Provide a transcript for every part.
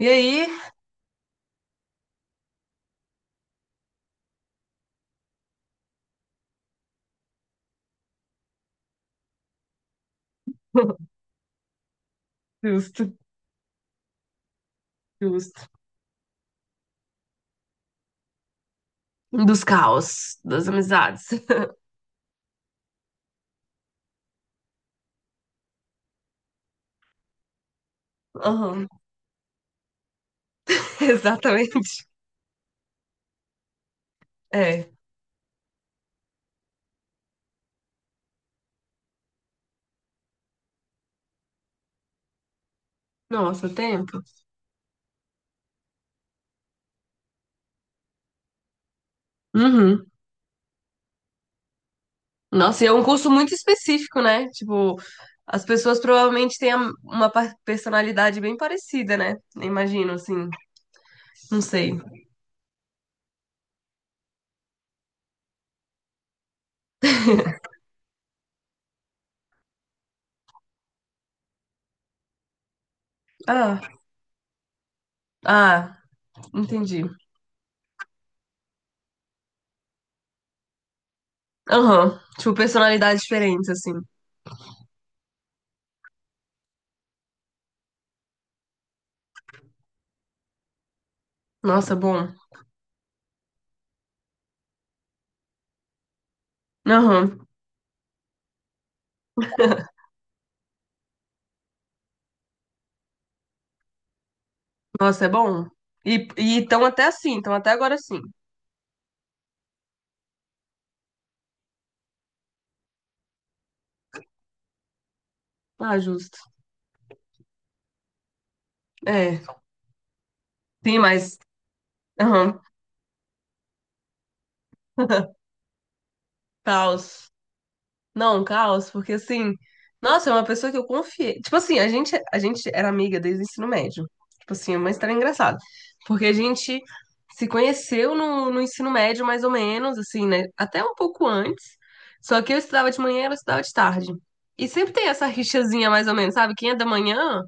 E aí? Justo, justo. Dos caos, das amizades. Aham. Exatamente. É. Nossa, tempo. Uhum. Nossa, e é um curso muito específico, né? Tipo, as pessoas provavelmente têm uma personalidade bem parecida, né? Imagino, assim. Não sei. Ah, ah, entendi. Aham. Tipo, personalidades diferentes, assim. Nossa, bom. Aham. Nossa, é bom. E estão até assim, estão até agora assim. Ah, justo. É, sim, mas. Aham. Caos. Não, caos, porque assim. Nossa, é uma pessoa que eu confiei. Tipo assim, a gente era amiga desde o ensino médio. Tipo assim, é uma história engraçada. Porque a gente se conheceu no, no ensino médio, mais ou menos, assim, né? Até um pouco antes. Só que eu estudava de manhã e ela estudava de tarde. E sempre tem essa rixazinha, mais ou menos, sabe? Quem é da manhã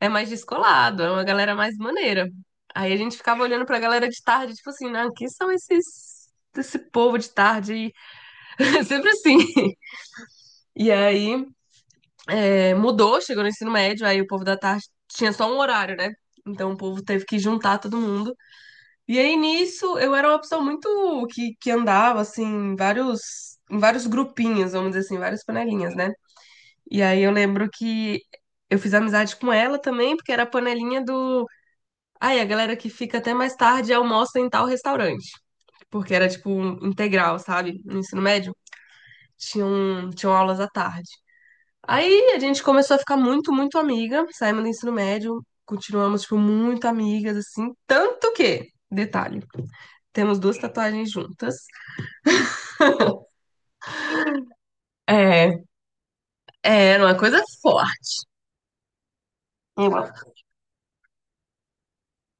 é mais descolado, é uma galera mais maneira. Aí a gente ficava olhando pra galera de tarde, tipo assim, não, quem são esses, esse povo de tarde? Aí? Sempre assim. E aí é, mudou, chegou no ensino médio, aí o povo da tarde tinha só um horário, né? Então o povo teve que juntar todo mundo. E aí nisso eu era uma pessoa muito que andava assim, em vários grupinhos, vamos dizer assim, várias panelinhas, né? E aí eu lembro que eu fiz amizade com ela também, porque era a panelinha do. Aí a galera que fica até mais tarde almoça em tal restaurante, porque era tipo um integral, sabe? No ensino médio, tinham, tinham aulas à tarde. Aí a gente começou a ficar muito, muito amiga, saímos do ensino médio, continuamos, tipo, muito amigas, assim, tanto que, detalhe, temos duas tatuagens juntas. É, é, era uma coisa forte. Eu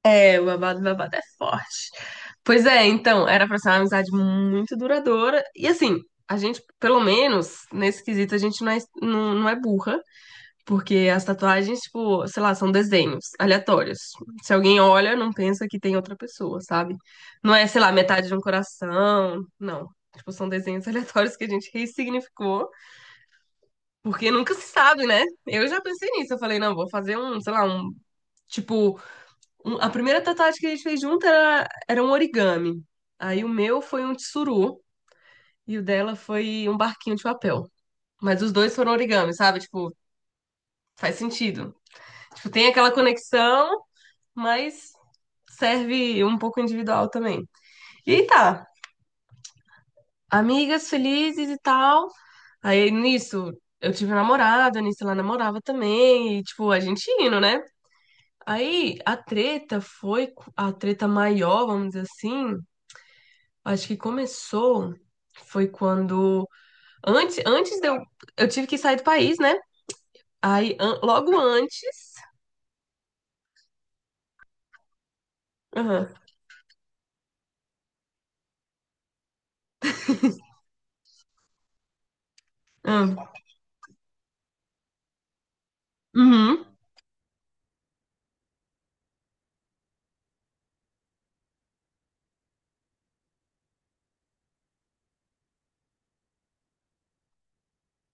é, o babado é forte. Pois é, então, era pra ser uma amizade muito duradoura. E assim, a gente, pelo menos, nesse quesito, a gente não é, não, não é burra, porque as tatuagens, tipo, sei lá, são desenhos aleatórios. Se alguém olha, não pensa que tem outra pessoa, sabe? Não é, sei lá, metade de um coração, não. Tipo, são desenhos aleatórios que a gente ressignificou, porque nunca se sabe, né? Eu já pensei nisso, eu falei, não, vou fazer um, sei lá, um. Tipo, a primeira tatuagem que a gente fez junto era, era um origami. Aí o meu foi um tsuru e o dela foi um barquinho de papel. Mas os dois foram origami, sabe? Tipo, faz sentido. Tipo, tem aquela conexão, mas serve um pouco individual também. E aí tá, amigas felizes e tal. Aí nisso eu tive um namorado, nisso ela namorava também, e tipo, a gente indo, né? Aí a treta foi a treta maior, vamos dizer assim. Acho que começou, foi quando, antes de eu tive que sair do país, né? Logo antes, aham, aham, uhum,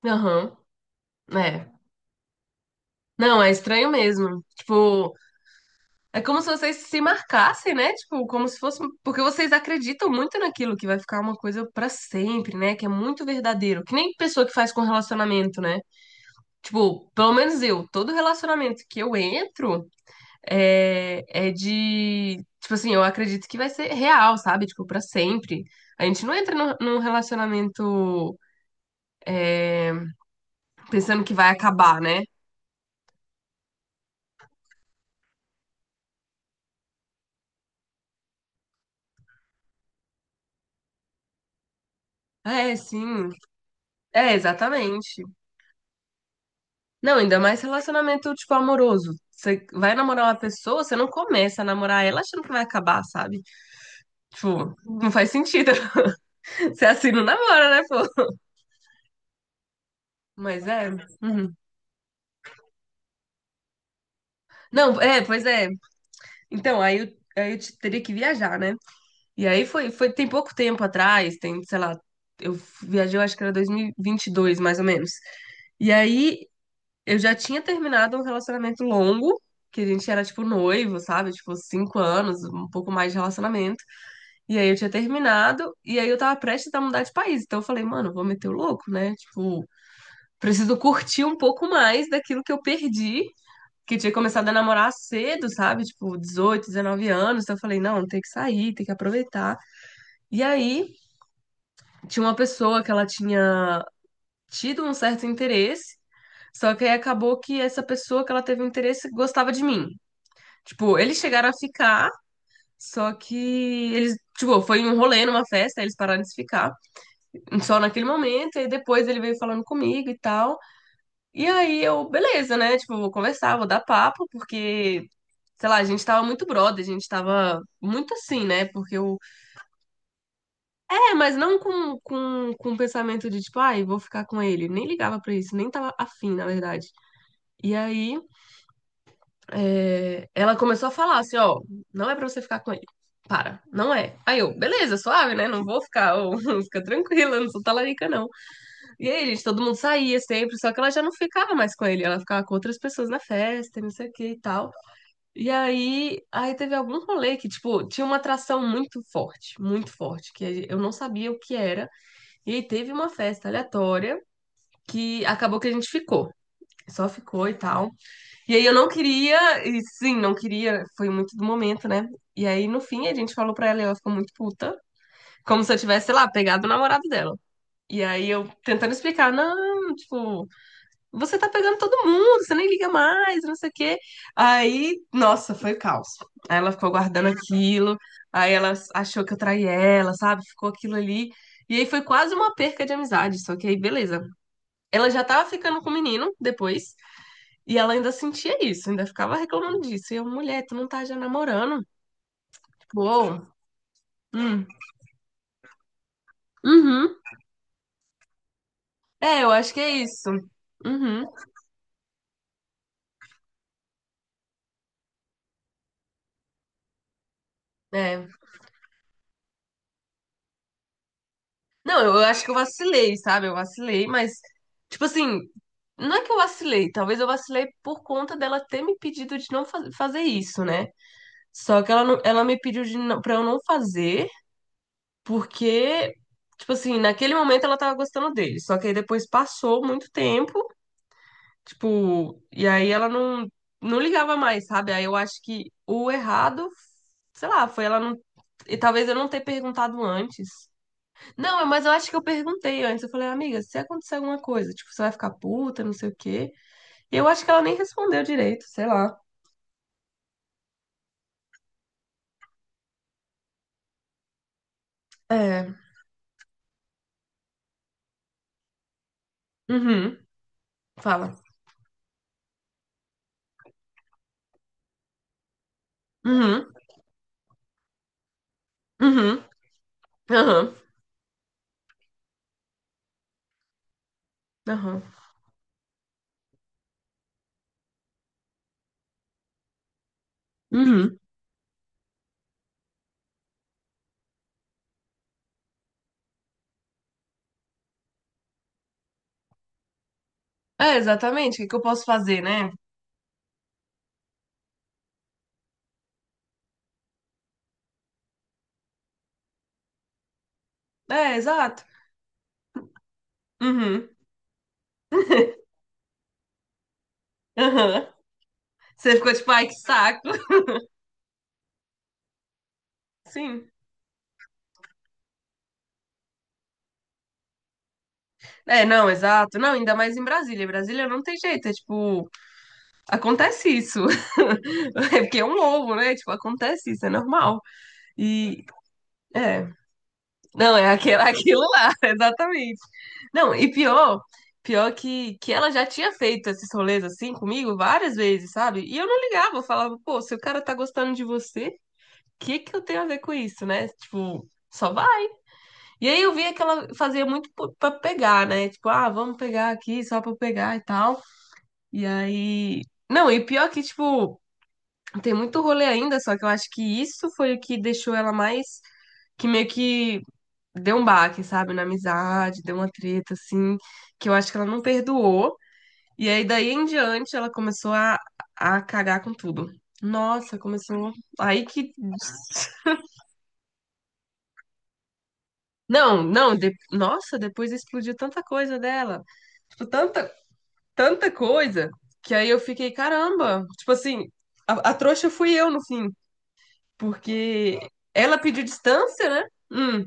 aham, é. Não, é estranho mesmo. Tipo, é como se vocês se marcassem, né? Tipo, como se fosse porque vocês acreditam muito naquilo que vai ficar uma coisa pra sempre, né? Que é muito verdadeiro. Que nem pessoa que faz com relacionamento, né? Tipo, pelo menos eu, todo relacionamento que eu entro é, é de. Tipo assim, eu acredito que vai ser real, sabe? Tipo, pra sempre. A gente não entra num relacionamento pensando que vai acabar, né? É, sim. É, exatamente. Não, ainda mais relacionamento, tipo, amoroso. Você vai namorar uma pessoa, você não começa a namorar ela achando que vai acabar, sabe? Tipo, não faz sentido. Você assim não namora, né, pô? Mas é. Uhum. Não, é, pois é. Então, aí eu teria que viajar, né? E aí foi, foi, tem pouco tempo atrás, tem, sei lá, eu viajei, eu acho que era 2022, mais ou menos. E aí eu já tinha terminado um relacionamento longo, que a gente era, tipo, noivo, sabe? Tipo, 5 anos, um pouco mais de relacionamento. E aí eu tinha terminado, e aí eu tava prestes a mudar de país. Então eu falei, mano, eu vou meter o louco, né? Tipo, preciso curtir um pouco mais daquilo que eu perdi. Que eu tinha começado a namorar cedo, sabe? Tipo, 18, 19 anos. Então eu falei, não, tem que sair, tem que aproveitar. E aí, tinha uma pessoa que ela tinha tido um certo interesse, só que aí acabou que essa pessoa que ela teve um interesse gostava de mim. Tipo, eles chegaram a ficar, só que eles, tipo, foi um rolê numa festa, aí eles pararam de se ficar, só naquele momento, e depois ele veio falando comigo e tal. E aí eu, beleza, né? Tipo, vou conversar, vou dar papo, porque sei lá, a gente tava muito brother, a gente tava muito assim, né? Porque o, é, mas não com o pensamento de tipo, ai, vou ficar com ele. Nem ligava pra isso, nem tava afim, na verdade. E aí, é, ela começou a falar assim: ó, não é pra você ficar com ele. Para, não é. Aí eu, beleza, suave, né? Não vou ficar, ô, fica tranquila, não sou talarica, não. E aí, gente, todo mundo saía sempre, só que ela já não ficava mais com ele, ela ficava com outras pessoas na festa, e não sei o que e tal. E aí, aí teve algum rolê que, tipo, tinha uma atração muito forte, que eu não sabia o que era. E aí teve uma festa aleatória que acabou que a gente ficou. Só ficou e tal. E aí eu não queria, e sim, não queria, foi muito do momento, né? E aí no fim a gente falou pra ela e ela ficou muito puta, como se eu tivesse, sei lá, pegado o namorado dela. E aí eu tentando explicar, não, tipo, você tá pegando todo mundo, você nem liga mais, não sei o quê. Aí, nossa, foi o caos. Aí ela ficou guardando aquilo, aí ela achou que eu traí ela, sabe? Ficou aquilo ali. E aí foi quase uma perca de amizade, só que aí beleza. Ela já tava ficando com o menino depois, e ela ainda sentia isso, ainda ficava reclamando disso. E eu, mulher, tu não tá já namorando? Tipo, ô, hum, uhum. É, eu acho que é isso. Uhum, é. Não, eu acho que eu vacilei, sabe? Eu vacilei, mas, tipo assim, não é que eu vacilei, talvez eu vacilei por conta dela ter me pedido de não fazer isso, né? Só que ela, não- ela me pediu de não, pra eu não fazer, porque, tipo assim, naquele momento ela tava gostando dele. Só que aí depois passou muito tempo. Tipo, e aí ela não, não ligava mais, sabe? Aí eu acho que o errado, sei lá, foi ela não. E talvez eu não ter perguntado antes. Não, mas eu acho que eu perguntei antes. Eu falei, amiga, se acontecer alguma coisa, tipo, você vai ficar puta, não sei o quê. E eu acho que ela nem respondeu direito, sei lá. É. Uhum. Fala. Uhum. Uhum. Aham. Aham. Uhum. É, exatamente. O que que eu posso fazer, né? É, exato. Uhum. Aham. Você ficou tipo, ai, que saco. Sim. É, não, exato. Não, ainda mais em Brasília. Brasília não tem jeito, é tipo, acontece isso. É porque é um ovo, né? Tipo, acontece isso, é normal. E é, não, é aquele, aquilo lá, exatamente. Não, e pior, pior que ela já tinha feito esses rolês assim comigo várias vezes, sabe? E eu não ligava, eu falava, pô, se o cara tá gostando de você, o que que eu tenho a ver com isso, né? Tipo, só vai. E aí eu via que ela fazia muito pra pegar, né? Tipo, ah, vamos pegar aqui só pra pegar e tal. E aí. Não, e pior que, tipo, tem muito rolê ainda, só que eu acho que isso foi o que deixou ela mais. Que meio que deu um baque, sabe? Na amizade, deu uma treta, assim, que eu acho que ela não perdoou. E aí, daí em diante, ela começou a cagar com tudo. Nossa, começou. Aí que. Não, não, nossa, depois explodiu tanta coisa dela. Tipo, tanta, tanta coisa, que aí eu fiquei, caramba. Tipo assim, a trouxa fui eu no fim. Porque ela pediu distância, né?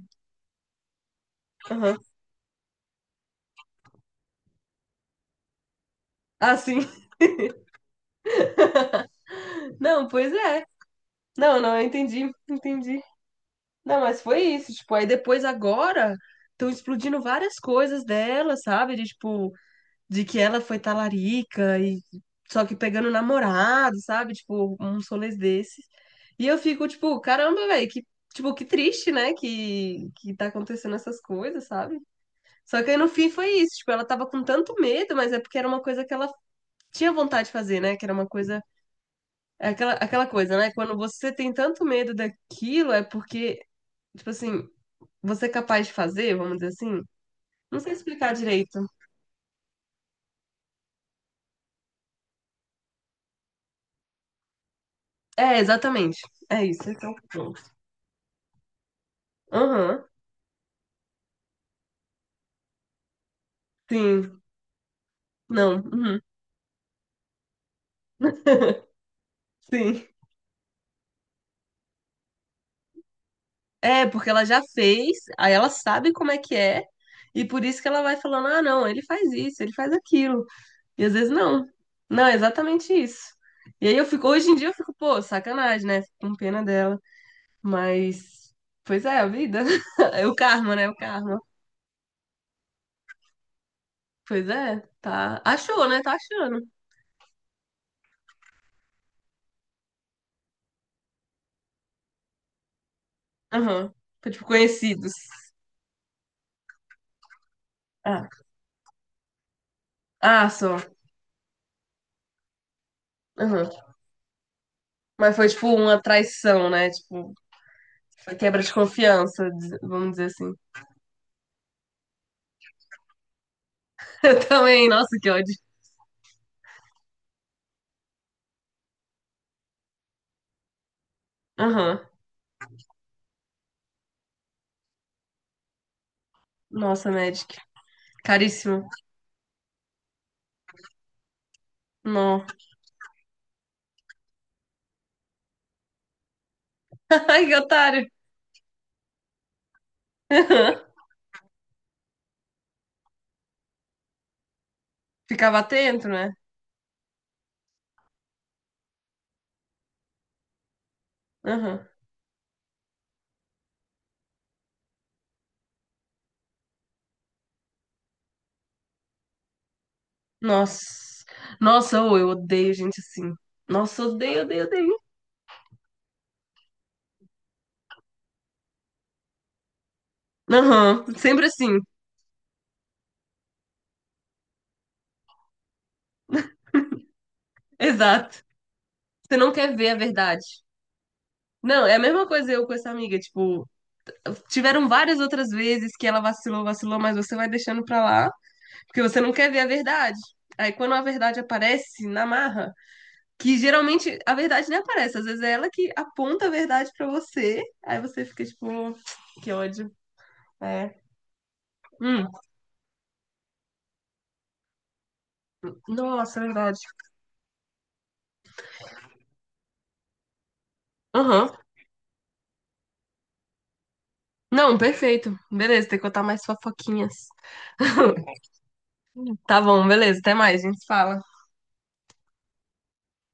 Aham. Ah, sim. Não, pois é. Não, não, eu entendi, entendi. Não, mas foi isso, tipo, aí depois agora estão explodindo várias coisas dela, sabe? De tipo, de que ela foi talarica e só que pegando namorado, sabe? Tipo, uns rolês desses. E eu fico, tipo, caramba, velho, que tipo, que triste, né? Que tá acontecendo essas coisas, sabe? Só que aí no fim foi isso, tipo, ela tava com tanto medo, mas é porque era uma coisa que ela tinha vontade de fazer, né? Que era uma coisa. É aquela, aquela coisa, né? Quando você tem tanto medo daquilo, é porque, tipo assim, você é capaz de fazer, vamos dizer assim? Não sei explicar direito. É, exatamente. É isso, esse é o ponto. Aham, sim. Não, uhum, sim. É, porque ela já fez, aí ela sabe como é que é, e por isso que ela vai falando, ah, não, ele faz isso, ele faz aquilo. E às vezes não. Não, é exatamente isso. E aí eu fico, hoje em dia eu fico, pô, sacanagem, né? Fico com pena dela. Mas, pois é, a vida. É o karma, né? O karma. Pois é, tá. Achou, né? Tá achando. Aham. Foi tipo conhecidos. Ah, ah, só. Aham. Mas foi tipo uma traição, né? Tipo, foi quebra de confiança, vamos dizer assim. Eu também, nossa, que ódio. Aham. Nossa, Magic. Caríssimo. Não. Ai, que otário. Aham. Ficava atento, né? Aham. Nossa. Nossa, ô, eu odeio gente assim. Nossa, odeio, odeio, odeio. Aham, sempre assim, exato. Você não quer ver a verdade. Não, é a mesma coisa eu com essa amiga, tipo, tiveram várias outras vezes que ela vacilou, vacilou, mas você vai deixando pra lá, porque você não quer ver a verdade. Aí quando a verdade aparece na marra, que geralmente a verdade nem aparece, às vezes é ela que aponta a verdade pra você, aí você fica tipo, que ódio. É. Hum, nossa, é verdade. Aham. Não, perfeito. Beleza, tem que contar mais fofoquinhas. Tá bom, beleza, até mais, a gente se fala.